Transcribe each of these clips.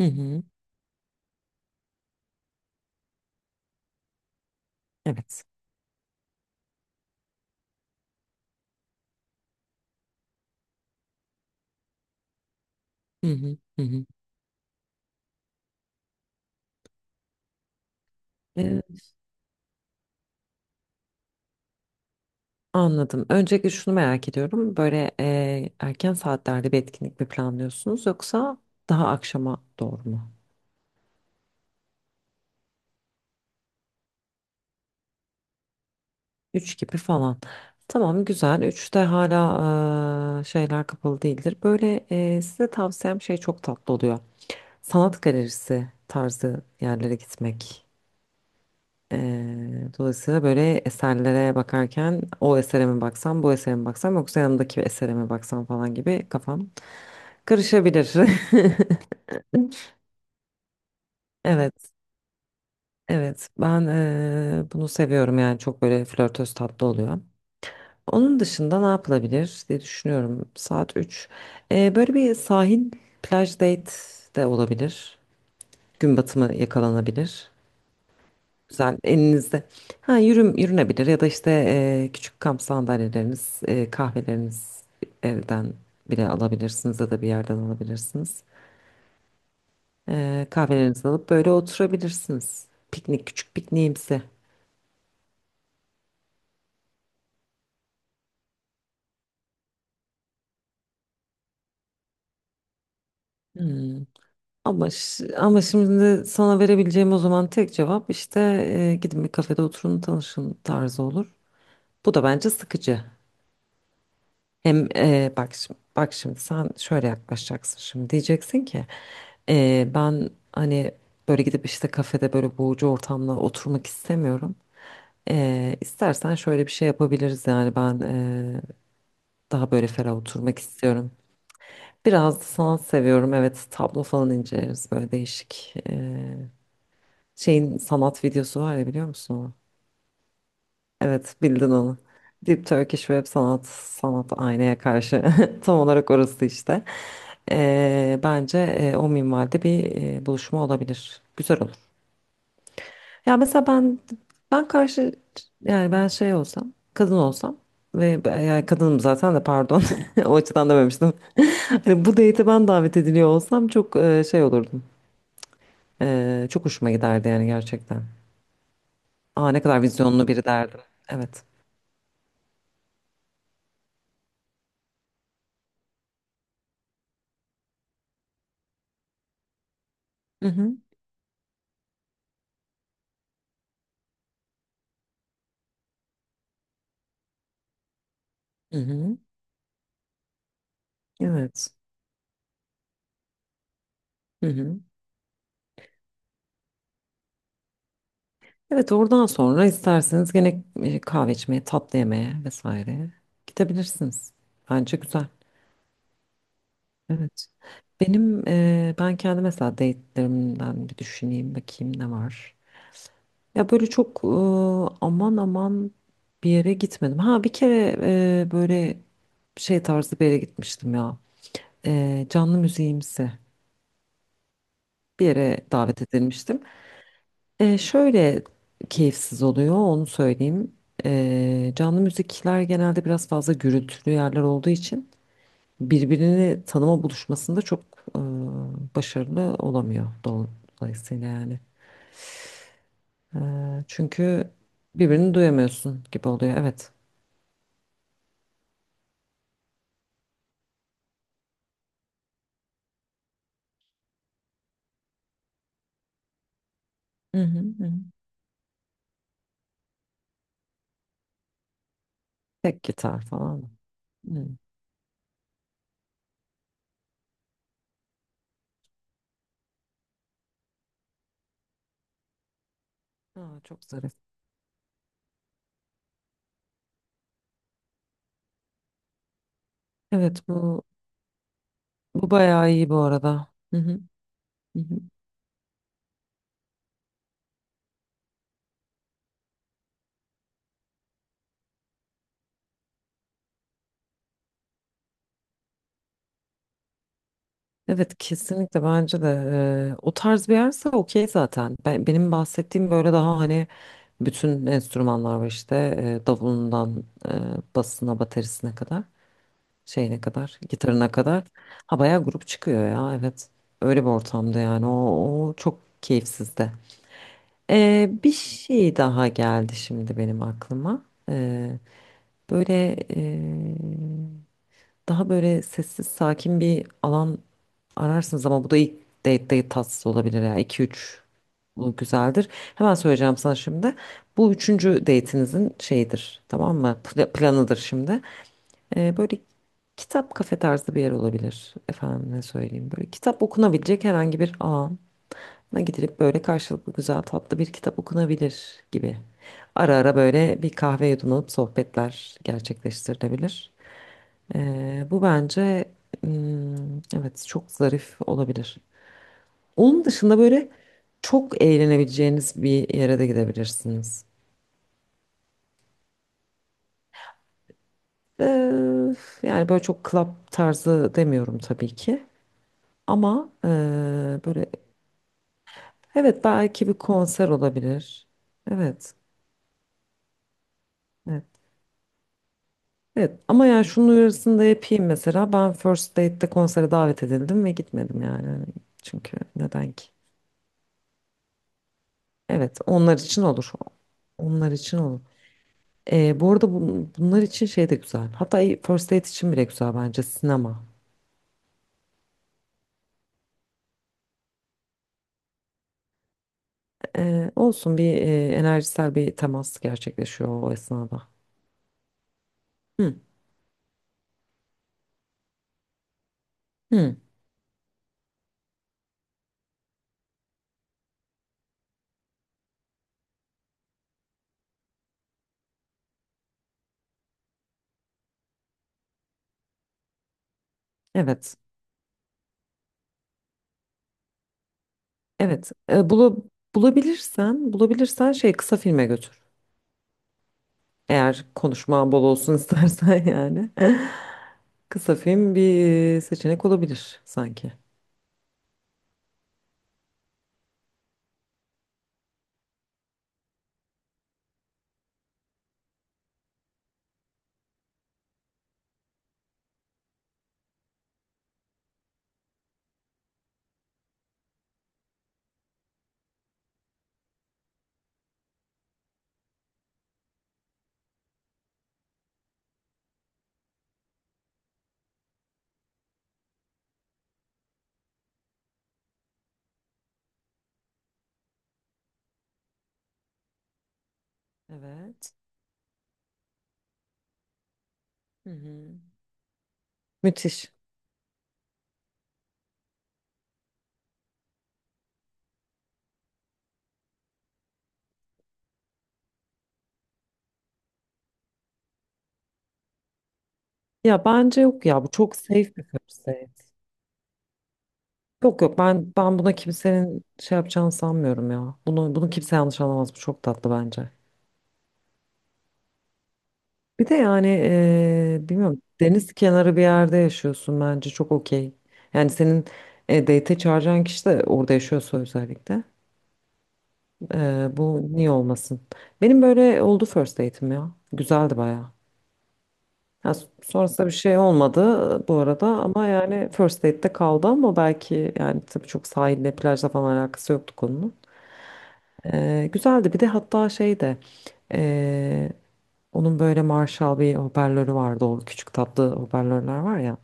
Hı hı. Evet. Hı hı. Hı hı. Ee, Anladım. Öncelikle şunu merak ediyorum. Böyle erken saatlerde bir etkinlik mi planlıyorsunuz yoksa daha akşama doğru mu? Üç gibi falan. Tamam güzel. 3'te hala şeyler kapalı değildir. Böyle size tavsiyem şey çok tatlı oluyor. Sanat galerisi tarzı yerlere gitmek. Dolayısıyla böyle eserlere bakarken o esere mi baksam, bu esere mi baksam yoksa yanımdaki esere mi baksam falan gibi kafam karışabilir. Evet, evet. Ben bunu seviyorum yani çok böyle flörtöz tatlı oluyor. Onun dışında ne yapılabilir diye düşünüyorum. Saat 3. Böyle bir sahil plaj date de olabilir. Gün batımı yakalanabilir. Güzel elinizde. Ha yürünebilir ya da işte küçük kamp sandalyeleriniz, kahveleriniz evden bile alabilirsiniz ya da bir yerden alabilirsiniz. Kahvelerinizi alıp böyle oturabilirsiniz. Piknik küçük pikniğimsi. Hmm. Ama şimdi sana verebileceğim o zaman tek cevap işte gidin bir kafede oturun tanışın tarzı olur. Bu da bence sıkıcı. Hem bak şimdi sen şöyle yaklaşacaksın şimdi diyeceksin ki ben hani böyle gidip işte kafede böyle boğucu ortamda oturmak istemiyorum. İstersen şöyle bir şey yapabiliriz yani ben daha böyle ferah oturmak istiyorum. Biraz da sanat seviyorum, evet, tablo falan inceleriz böyle değişik şeyin sanat videosu var ya, biliyor musun? Onu? Evet, bildin onu. Deep Turkish Web Sanat, sanat aynaya karşı. Tam olarak orası işte. Bence o minvalde bir buluşma olabilir. Güzel olur. Ya mesela ben karşı, yani ben şey olsam, kadın olsam ve yani kadınım zaten de, pardon. O açıdan dememiştim. Hani bu date'e ben davet ediliyor olsam çok şey olurdum. Çok hoşuma giderdi yani gerçekten. Aa, ne kadar vizyonlu biri derdim. Evet. Hı hı. Hı hı. Evet. Hı hı. Evet, oradan sonra isterseniz gene kahve içmeye, tatlı yemeye vesaire gidebilirsiniz. Bence güzel. Evet. Ben kendi mesela date'lerimden bir düşüneyim bakayım ne var. Ya böyle çok aman aman bir yere gitmedim. Ha bir kere böyle şey tarzı bir yere gitmiştim ya. Canlı müziğimsi bir yere davet edilmiştim. Şöyle keyifsiz oluyor, onu söyleyeyim. Canlı müzikler genelde biraz fazla gürültülü yerler olduğu için birbirini tanıma buluşmasında çok başarılı olamıyor dolayısıyla yani. E, Çünkü birbirini duyamıyorsun gibi oluyor, evet. Hı hı, hı. Tek gitar falan. Hı. Aa, çok zarif. Evet, bu bayağı iyi bu arada. Hı hı, hı hı. Evet kesinlikle, bence de o tarz bir yerse okey zaten. Benim bahsettiğim böyle, daha hani bütün enstrümanlar var işte, davulundan basına, baterisine kadar, şeyine kadar, gitarına kadar. Ha bayağı grup çıkıyor ya evet, öyle bir ortamda yani o çok keyifsiz de. Bir şey daha geldi şimdi benim aklıma. Böyle daha böyle sessiz sakin bir alan ararsınız ama bu da ilk date tatsız olabilir ya. İki üç bu güzeldir. Hemen söyleyeceğim sana şimdi. Bu üçüncü date'inizin şeyidir, tamam mı? Planıdır şimdi. Böyle kitap kafe tarzı bir yer olabilir. Efendim ne söyleyeyim. Böyle kitap okunabilecek herhangi bir an'a gidilip böyle karşılıklı güzel tatlı bir kitap okunabilir gibi. Ara ara böyle bir kahve yudumlanıp sohbetler gerçekleştirilebilir. Bu bence, evet, çok zarif olabilir. Onun dışında böyle çok eğlenebileceğiniz bir yere de gidebilirsiniz. Ee, Yani böyle çok club tarzı demiyorum tabii ki. Ama böyle evet, belki bir konser olabilir. Evet. Evet. Evet. Ama yani şunun uyarısını da yapayım mesela. Ben First Date'de konsere davet edildim ve gitmedim yani. Hani çünkü neden ki? Evet, onlar için olur. Onlar için olur. Bu arada bunlar için şey de güzel. Hatta First Date için bile güzel bence sinema. Olsun, bir enerjisel bir temas gerçekleşiyor o esnada. Hı, hı, evet, evet. Bulabilirsen şey kısa filme götür. Eğer konuşma bol olsun istersen yani. Kısa film bir seçenek olabilir sanki. Evet. Hı hı. Müthiş. Ya bence yok ya, bu çok safe bir fırsat. Yok yok, ben buna kimsenin şey yapacağını sanmıyorum ya. Bunu kimse yanlış anlamaz. Bu çok tatlı bence. Bir de yani bilmiyorum, deniz kenarı bir yerde yaşıyorsun, bence çok okey. Yani senin date'e çağıracağın kişi de orada yaşıyorsa özellikle. Bu niye olmasın? Benim böyle oldu first date'im ya. Güzeldi bayağı. Ya, sonrasında bir şey olmadı bu arada, ama yani first date'te kaldı ama belki yani tabii, çok sahille plajla falan alakası yoktu konunun. Güzeldi bir de, hatta şey de eee, onun böyle Marshall bir hoparlörü vardı, o küçük tatlı hoparlörler var ya.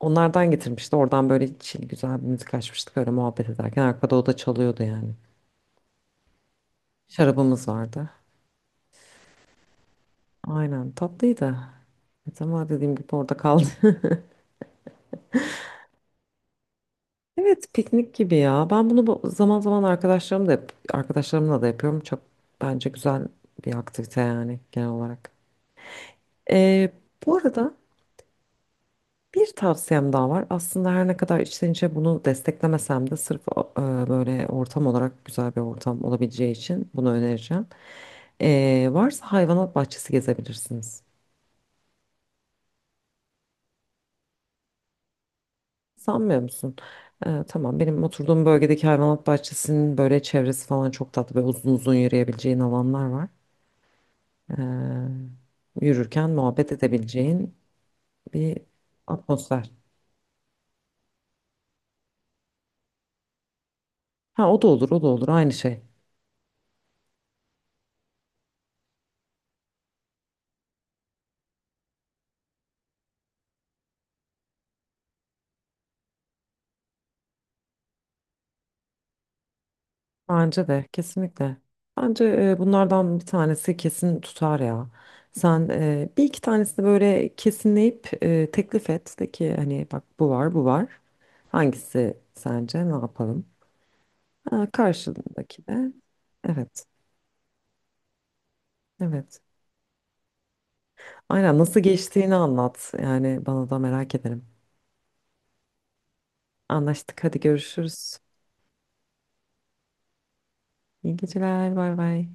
Onlardan getirmişti. Oradan böyle chill güzel bir müzik açmıştık. Öyle muhabbet ederken arkada o da çalıyordu yani. Şarabımız vardı. Aynen, tatlıydı. Evet, ama dediğim gibi orada kaldı. Evet piknik gibi ya. Ben bunu zaman zaman arkadaşlarım da arkadaşlarımla da yapıyorum. Çok bence güzel bir aktivite yani genel olarak. Ee, Bu arada bir tavsiyem daha var. Aslında her ne kadar içten içe bunu desteklemesem de, sırf e, böyle ortam olarak güzel bir ortam olabileceği için bunu önereceğim. Varsa hayvanat bahçesi gezebilirsiniz. Sanmıyor musun? Tamam, benim oturduğum bölgedeki hayvanat bahçesinin böyle çevresi falan çok tatlı. Böyle uzun uzun yürüyebileceğin alanlar var. Yürürken muhabbet edebileceğin bir atmosfer. Ha o da olur, o da olur aynı şey. Bence de kesinlikle. Bence bunlardan bir tanesi kesin tutar ya. Sen bir iki tanesini böyle kesinleyip teklif et. De ki hani bak, bu var bu var. Hangisi sence, ne yapalım? Ha, karşındaki de. Evet, evet. Aynen, nasıl geçtiğini anlat. Yani bana da, merak ederim. Anlaştık. Hadi görüşürüz. İyi geceler. Bay bay.